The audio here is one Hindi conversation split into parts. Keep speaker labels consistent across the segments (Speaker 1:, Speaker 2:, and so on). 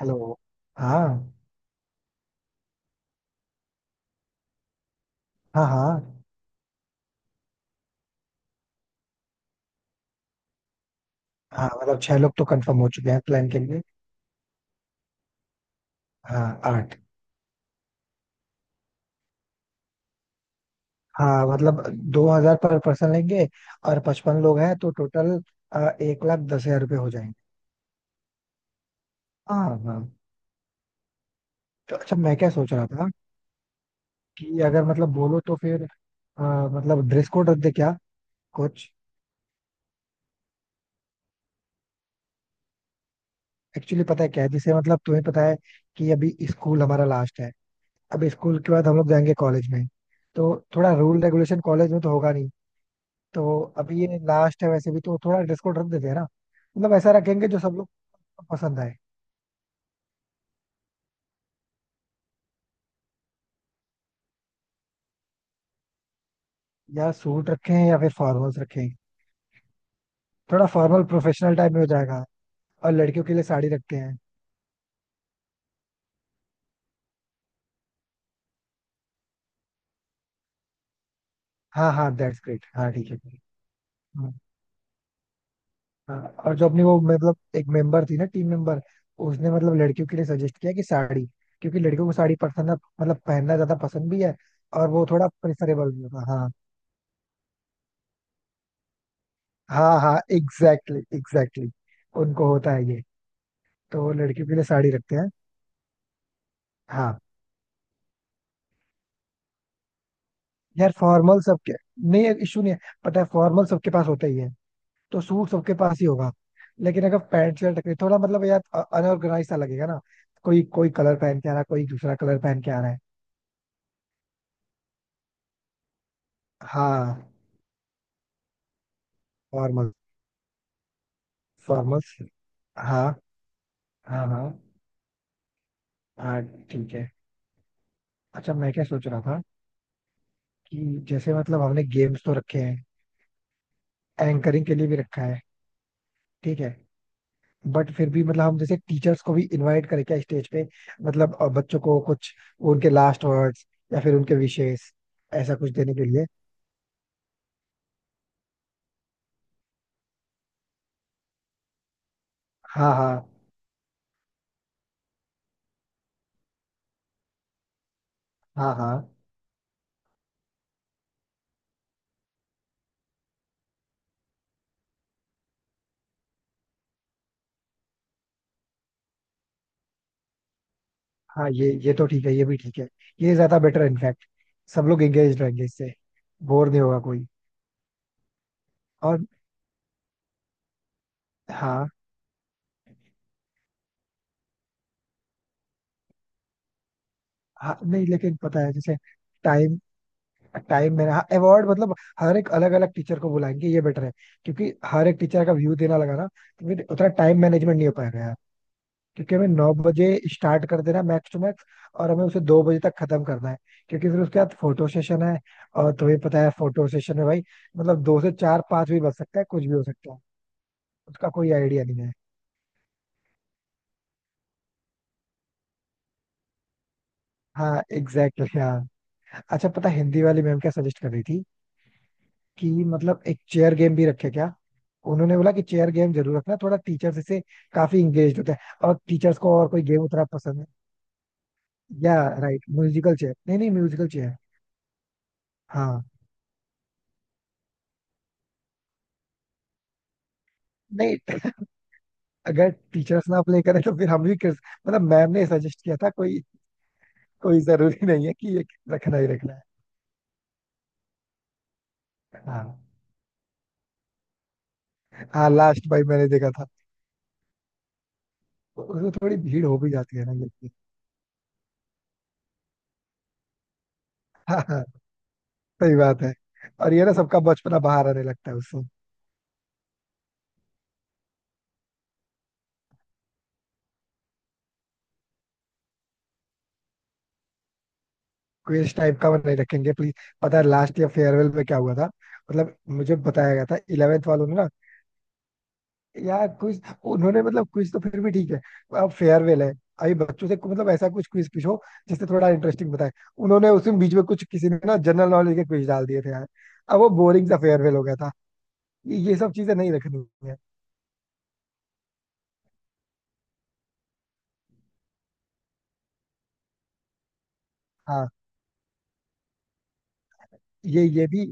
Speaker 1: हेलो। हाँ। हाँ। हाँ। हाँ, मतलब छह लोग तो कंफर्म हो चुके हैं प्लान के लिए। हाँ आठ। हाँ, मतलब 2000 पर पर्सन लेंगे, और 55 लोग हैं तो टोटल 1,10,000 रुपये हो जाएंगे। हाँ हाँ। तो अच्छा, मैं क्या सोच रहा था कि अगर मतलब बोलो तो फिर मतलब ड्रेस कोड रख दे क्या कुछ। एक्चुअली पता है क्या है, जैसे मतलब तुम्हें पता है कि अभी स्कूल हमारा लास्ट है। अब स्कूल के बाद हम लोग जाएंगे कॉलेज में, तो थोड़ा रूल रेगुलेशन कॉलेज में तो होगा नहीं। तो अभी ये लास्ट है, वैसे भी तो थोड़ा ड्रेस कोड रख देते हैं ना। मतलब ऐसा रखेंगे जो सब लोग को पसंद आए। या सूट रखें या फिर फॉर्मल्स रखें, थोड़ा फॉर्मल प्रोफेशनल टाइप में हो जाएगा। और लड़कियों के लिए साड़ी रखते हैं। हाँ हाँ, दैट्स ग्रेट। हाँ ठीक है। हम्म। हाँ हाँ, और जो अपनी वो मतलब एक मेंबर थी ना, टीम मेंबर, उसने मतलब लड़कियों के लिए सजेस्ट किया कि साड़ी, क्योंकि लड़कियों को साड़ी पसंद, मतलब पहनना ज्यादा पसंद भी है। और वो थोड़ा प्रेफरेबल भी होगा। हाँ। हाँ हाँ, एग्जैक्टली एग्जैक्टली। उनको होता है ये। तो लड़कियों के लिए साड़ी रखते हैं। हाँ। यार फॉर्मल सबके, नहीं इशू नहीं है। पता है फॉर्मल सबके पास होता ही है, तो सूट सबके पास ही होगा। लेकिन अगर पैंट शर्ट रखे, थोड़ा मतलब यार अनऑर्गेनाइज सा लगेगा ना। कोई कोई कलर पहन के आ रहा है, कोई दूसरा कलर पहन के आ रहा है। हाँ, फॉर्मल। फॉर्मल। हाँ हाँ हाँ हाँ, ठीक है। अच्छा, मैं क्या सोच रहा था कि जैसे मतलब हमने गेम्स तो रखे हैं, एंकरिंग के लिए भी रखा है, ठीक है। बट फिर भी मतलब हम जैसे टीचर्स को भी इनवाइट करें क्या स्टेज पे, मतलब बच्चों को कुछ, उनके लास्ट वर्ड्स या फिर उनके विशेष, ऐसा कुछ देने के लिए। हाँ हाँ हाँ हाँ। हाँ, ये तो ठीक है, ये भी ठीक है। ये ज्यादा बेटर है इनफैक्ट, सब लोग एंगेज रहेंगे इससे, बोर नहीं होगा कोई। और हाँ। हाँ, नहीं लेकिन पता है, जैसे टाइम, टाइम में, हाँ अवार्ड मतलब हर एक अलग अलग टीचर को बुलाएंगे, ये बेटर है। क्योंकि हर एक टीचर का व्यू देना लगा ना, तो फिर उतना टाइम मैनेजमेंट नहीं हो पाएगा यार। क्योंकि हमें 9 बजे स्टार्ट कर देना, मैक्स टू मैक्स, और हमें उसे 2 बजे तक खत्म करना है। क्योंकि फिर उसके बाद फोटो सेशन है। और तुम्हें पता है फोटो सेशन में भाई, मतलब 2 से 4-5 भी बज सकता है, कुछ भी हो सकता है, उसका कोई आइडिया नहीं है। हाँ एग्जैक्टली exactly, हाँ। अच्छा पता है, हिंदी वाली मैम क्या सजेस्ट कर रही थी कि मतलब एक चेयर गेम भी रखे क्या। उन्होंने बोला कि चेयर गेम जरूर रखना, थोड़ा टीचर्स इससे काफी इंगेज होते हैं और टीचर्स को और कोई गेम उतना पसंद है। या राइट म्यूजिकल चेयर, नहीं नहीं म्यूजिकल चेयर। हाँ। नहीं, अगर टीचर्स ना अप्लाई करें तो फिर हम भी कर, मतलब मैम ने सजेस्ट किया था, कोई कोई जरूरी नहीं है कि ये रखना ही रखना है। हाँ। हाँ लास्ट भाई, मैंने देखा था। उसमें थोड़ी भीड़ हो भी जाती है ना, लेकिन। हाँ हाँ, सही बात है। और ये ना सबका बचपना बाहर आने लगता है उससे। क्विज टाइप का वो नहीं रखेंगे प्लीज। पता है लास्ट ईयर फेयरवेल में क्या हुआ था? मतलब मुझे बताया गया था इलेवेंथ वालों ने ना। यार क्विज, उन्होंने मतलब क्विज तो फिर भी ठीक है, अब फेयरवेल है। अभी बच्चों से मतलब ऐसा कुछ क्विज पूछो जिससे थोड़ा इंटरेस्टिंग बताए। उन्होंने उसमें बीच में कुछ किसी ने ना जनरल नॉलेज के क्विज डाल दिए थे यार। अब वो बोरिंग सा फेयरवेल हो गया था। ये सब चीजें नहीं रखनी है। हाँ, ये भी।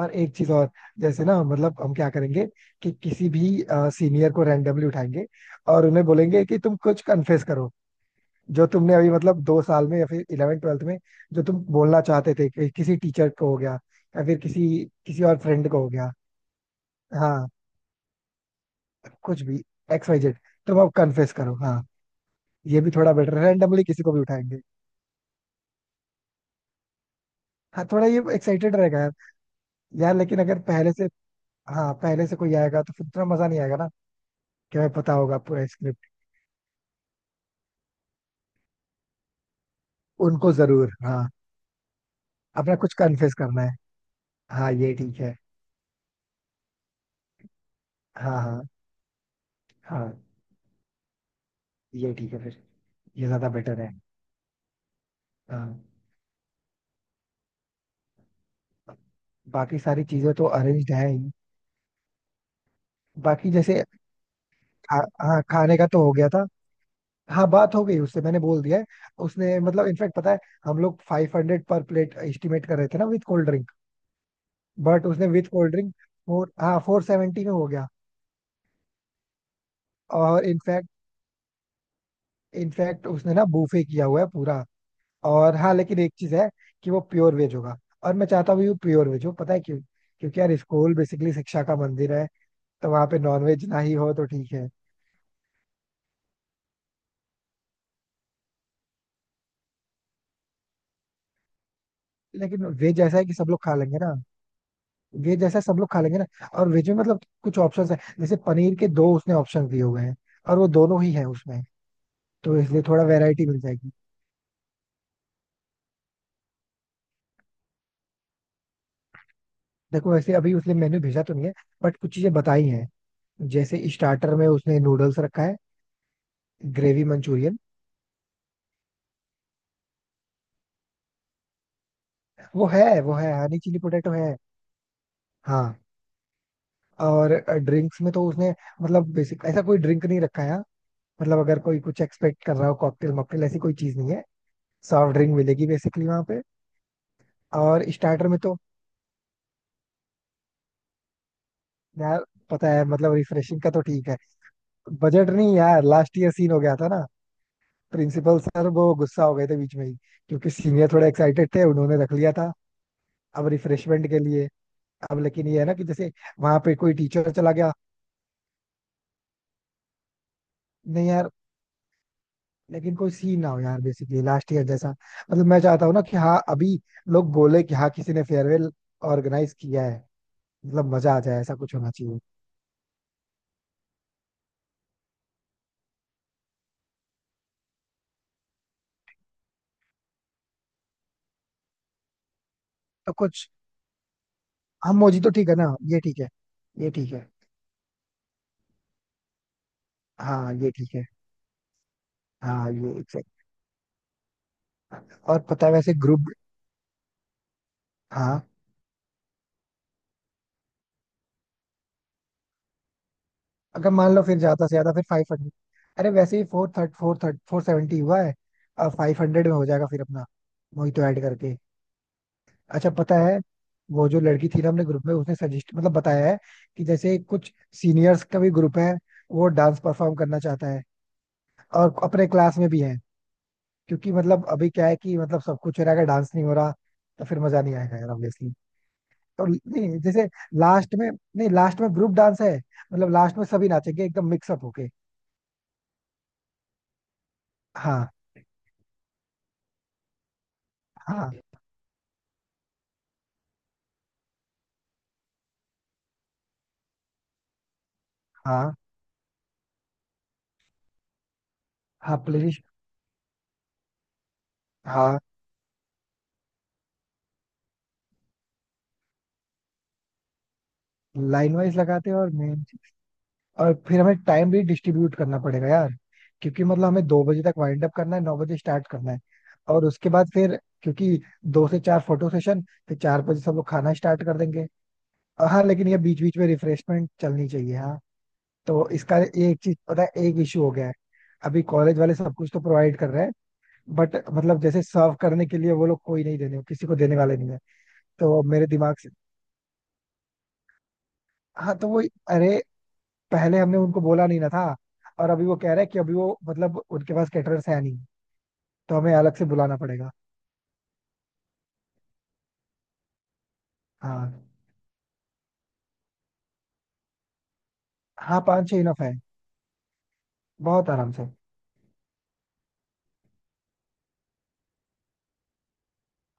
Speaker 1: और एक चीज और, जैसे ना मतलब हम क्या करेंगे कि किसी भी सीनियर को रैंडमली उठाएंगे और उन्हें बोलेंगे कि तुम कुछ कन्फेस करो, जो तुमने अभी मतलब 2 साल में या फिर इलेवेंथ ट्वेल्थ में, जो तुम बोलना चाहते थे, कि किसी टीचर को हो गया या फिर किसी, किसी और फ्रेंड को हो गया। हाँ, कुछ भी, XYZ। तुम अब कन्फेस करो। हाँ, ये भी थोड़ा बेटर है, रैंडमली किसी को भी उठाएंगे। हाँ, थोड़ा ये एक्साइटेड रहेगा यार। यार लेकिन अगर पहले से, हाँ पहले से कोई आएगा तो फिर उतना मजा नहीं आएगा ना, कि हमें पता होगा पूरा स्क्रिप्ट। उनको जरूर हाँ। अपना कुछ कन्फेस करना है। हाँ ये ठीक है। हाँ हाँ हाँ, ये ठीक है फिर, ये ज्यादा बेटर है। हाँ, बाकी सारी चीजें तो अरेंज्ड है ही। बाकी जैसे खा, हाँ खाने का तो हो गया था। हाँ, बात हो गई उससे, मैंने बोल दिया है। उसने मतलब इनफैक्ट पता है, हम लोग 500 पर प्लेट एस्टिमेट कर रहे थे ना विद कोल्ड ड्रिंक। बट उसने with cold drink, four seventy में हो गया। और इनफैक्ट इनफैक्ट उसने ना बूफे किया हुआ है पूरा। और हाँ, लेकिन एक चीज है कि वो प्योर वेज होगा, और मैं चाहता भी हूँ प्योर वेज हो, पता है क्यों? क्योंकि यार स्कूल बेसिकली शिक्षा का मंदिर है, तो वहां पे नॉन वेज ना ही हो तो ठीक है। लेकिन वेज ऐसा है कि सब लोग खा लेंगे ना। वेज ऐसा सब लोग खा लेंगे ना। और वेज में मतलब कुछ ऑप्शंस है, जैसे पनीर के दो उसने ऑप्शन दिए हुए हैं और वो दोनों ही है उसमें, तो इसलिए थोड़ा वैरायटी मिल जाएगी। देखो वैसे अभी उसने मेन्यू भेजा तो नहीं है, बट कुछ चीजें बताई हैं। जैसे स्टार्टर में उसने नूडल्स रखा है, ग्रेवी मंचूरियन। वो है, हनी चिली पोटैटो है। हाँ। और ड्रिंक्स में तो उसने, मतलब बेसिक ऐसा कोई ड्रिंक नहीं रखा है यहाँ। मतलब अगर कोई कुछ एक्सपेक्ट कर रहा हो कॉकटेल मॉकटेल, ऐसी कोई चीज नहीं है। सॉफ्ट ड्रिंक मिलेगी बेसिकली वहां पे। और स्टार्टर में तो यार, पता है मतलब रिफ्रेशिंग का तो ठीक है। बजट नहीं यार, लास्ट ईयर सीन हो गया था ना। प्रिंसिपल सर वो गुस्सा हो गए थे बीच में ही, क्योंकि सीनियर थोड़े एक्साइटेड थे, उन्होंने रख लिया था अब रिफ्रेशमेंट के लिए। अब लेकिन ये है ना कि जैसे वहां पे कोई टीचर चला गया। नहीं यार, लेकिन कोई सीन ना हो यार, बेसिकली लास्ट ईयर जैसा। मतलब मैं चाहता हूँ ना कि हाँ अभी लोग बोले कि हाँ किसी ने फेयरवेल ऑर्गेनाइज किया है, मतलब मजा आ जाए, ऐसा कुछ होना चाहिए। तो कुछ। हम मोजी तो ठीक है ना, ये ठीक है, ये ठीक है। हाँ ये ठीक है। हाँ ये exactly। और पता है वैसे ग्रुप, हाँ अगर मान लो फिर ज्यादा से ज्यादा फिर 500। अरे वैसे ही फोर थर्ड, 470 हुआ है। अब 500 में हो जाएगा फिर अपना, वही तो ऐड करके। अच्छा पता है, वो जो लड़की थी ना हमने ग्रुप में, उसने सजेस्ट मतलब बताया है कि जैसे कुछ सीनियर्स का भी ग्रुप है, वो डांस परफॉर्म करना चाहता है और अपने क्लास में भी है। क्योंकि मतलब अभी क्या है कि मतलब सब कुछ हो रहा है, अगर डांस नहीं हो रहा तो फिर मजा नहीं आएगा यार, ऑब्वियसली। तो नहीं जैसे, लास्ट में, नहीं लास्ट में ग्रुप डांस है, मतलब लास्ट में सभी नाचेंगे एकदम मिक्सअप होके। हाँ हाँ हाँ हाँ, प्लेलिस्ट। हाँ, लाइन वाइज लगाते हैं और मेन, और फिर हमें टाइम भी डिस्ट्रीब्यूट करना पड़ेगा यार। क्योंकि मतलब हमें 2 बजे तक वाइंड अप करना है, 9 बजे स्टार्ट करना है। और उसके बाद फिर, क्योंकि 2 से 4 फोटो सेशन, फिर 4 बजे सब लोग खाना स्टार्ट कर देंगे। और हाँ लेकिन ये बीच बीच में रिफ्रेशमेंट चलनी चाहिए, हाँ। तो इसका, एक चीज पता है एक इशू हो गया है। अभी कॉलेज वाले सब कुछ तो प्रोवाइड कर रहे हैं, बट मतलब जैसे सर्व करने के लिए वो लोग कोई नहीं, देने किसी को देने वाले नहीं है। तो मेरे दिमाग से, हाँ तो वो, अरे पहले हमने उनको बोला नहीं ना था, और अभी वो कह रहे हैं कि अभी वो मतलब उनके पास कैटरर्स है नहीं, तो हमें अलग से बुलाना पड़ेगा। हाँ। हाँ पाँच छह इनफ है, बहुत आराम से।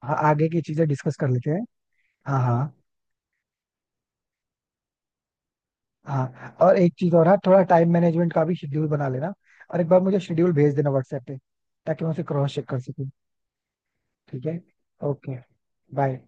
Speaker 1: हाँ, आगे की चीजें डिस्कस कर लेते हैं। हाँ हाँ हाँ, और एक चीज और है, थोड़ा टाइम मैनेजमेंट का भी शेड्यूल बना लेना। और एक बार मुझे शेड्यूल भेज देना व्हाट्सएप पे, ताकि मैं उसे क्रॉस चेक कर सकूं। ठीक है। Okay, bye.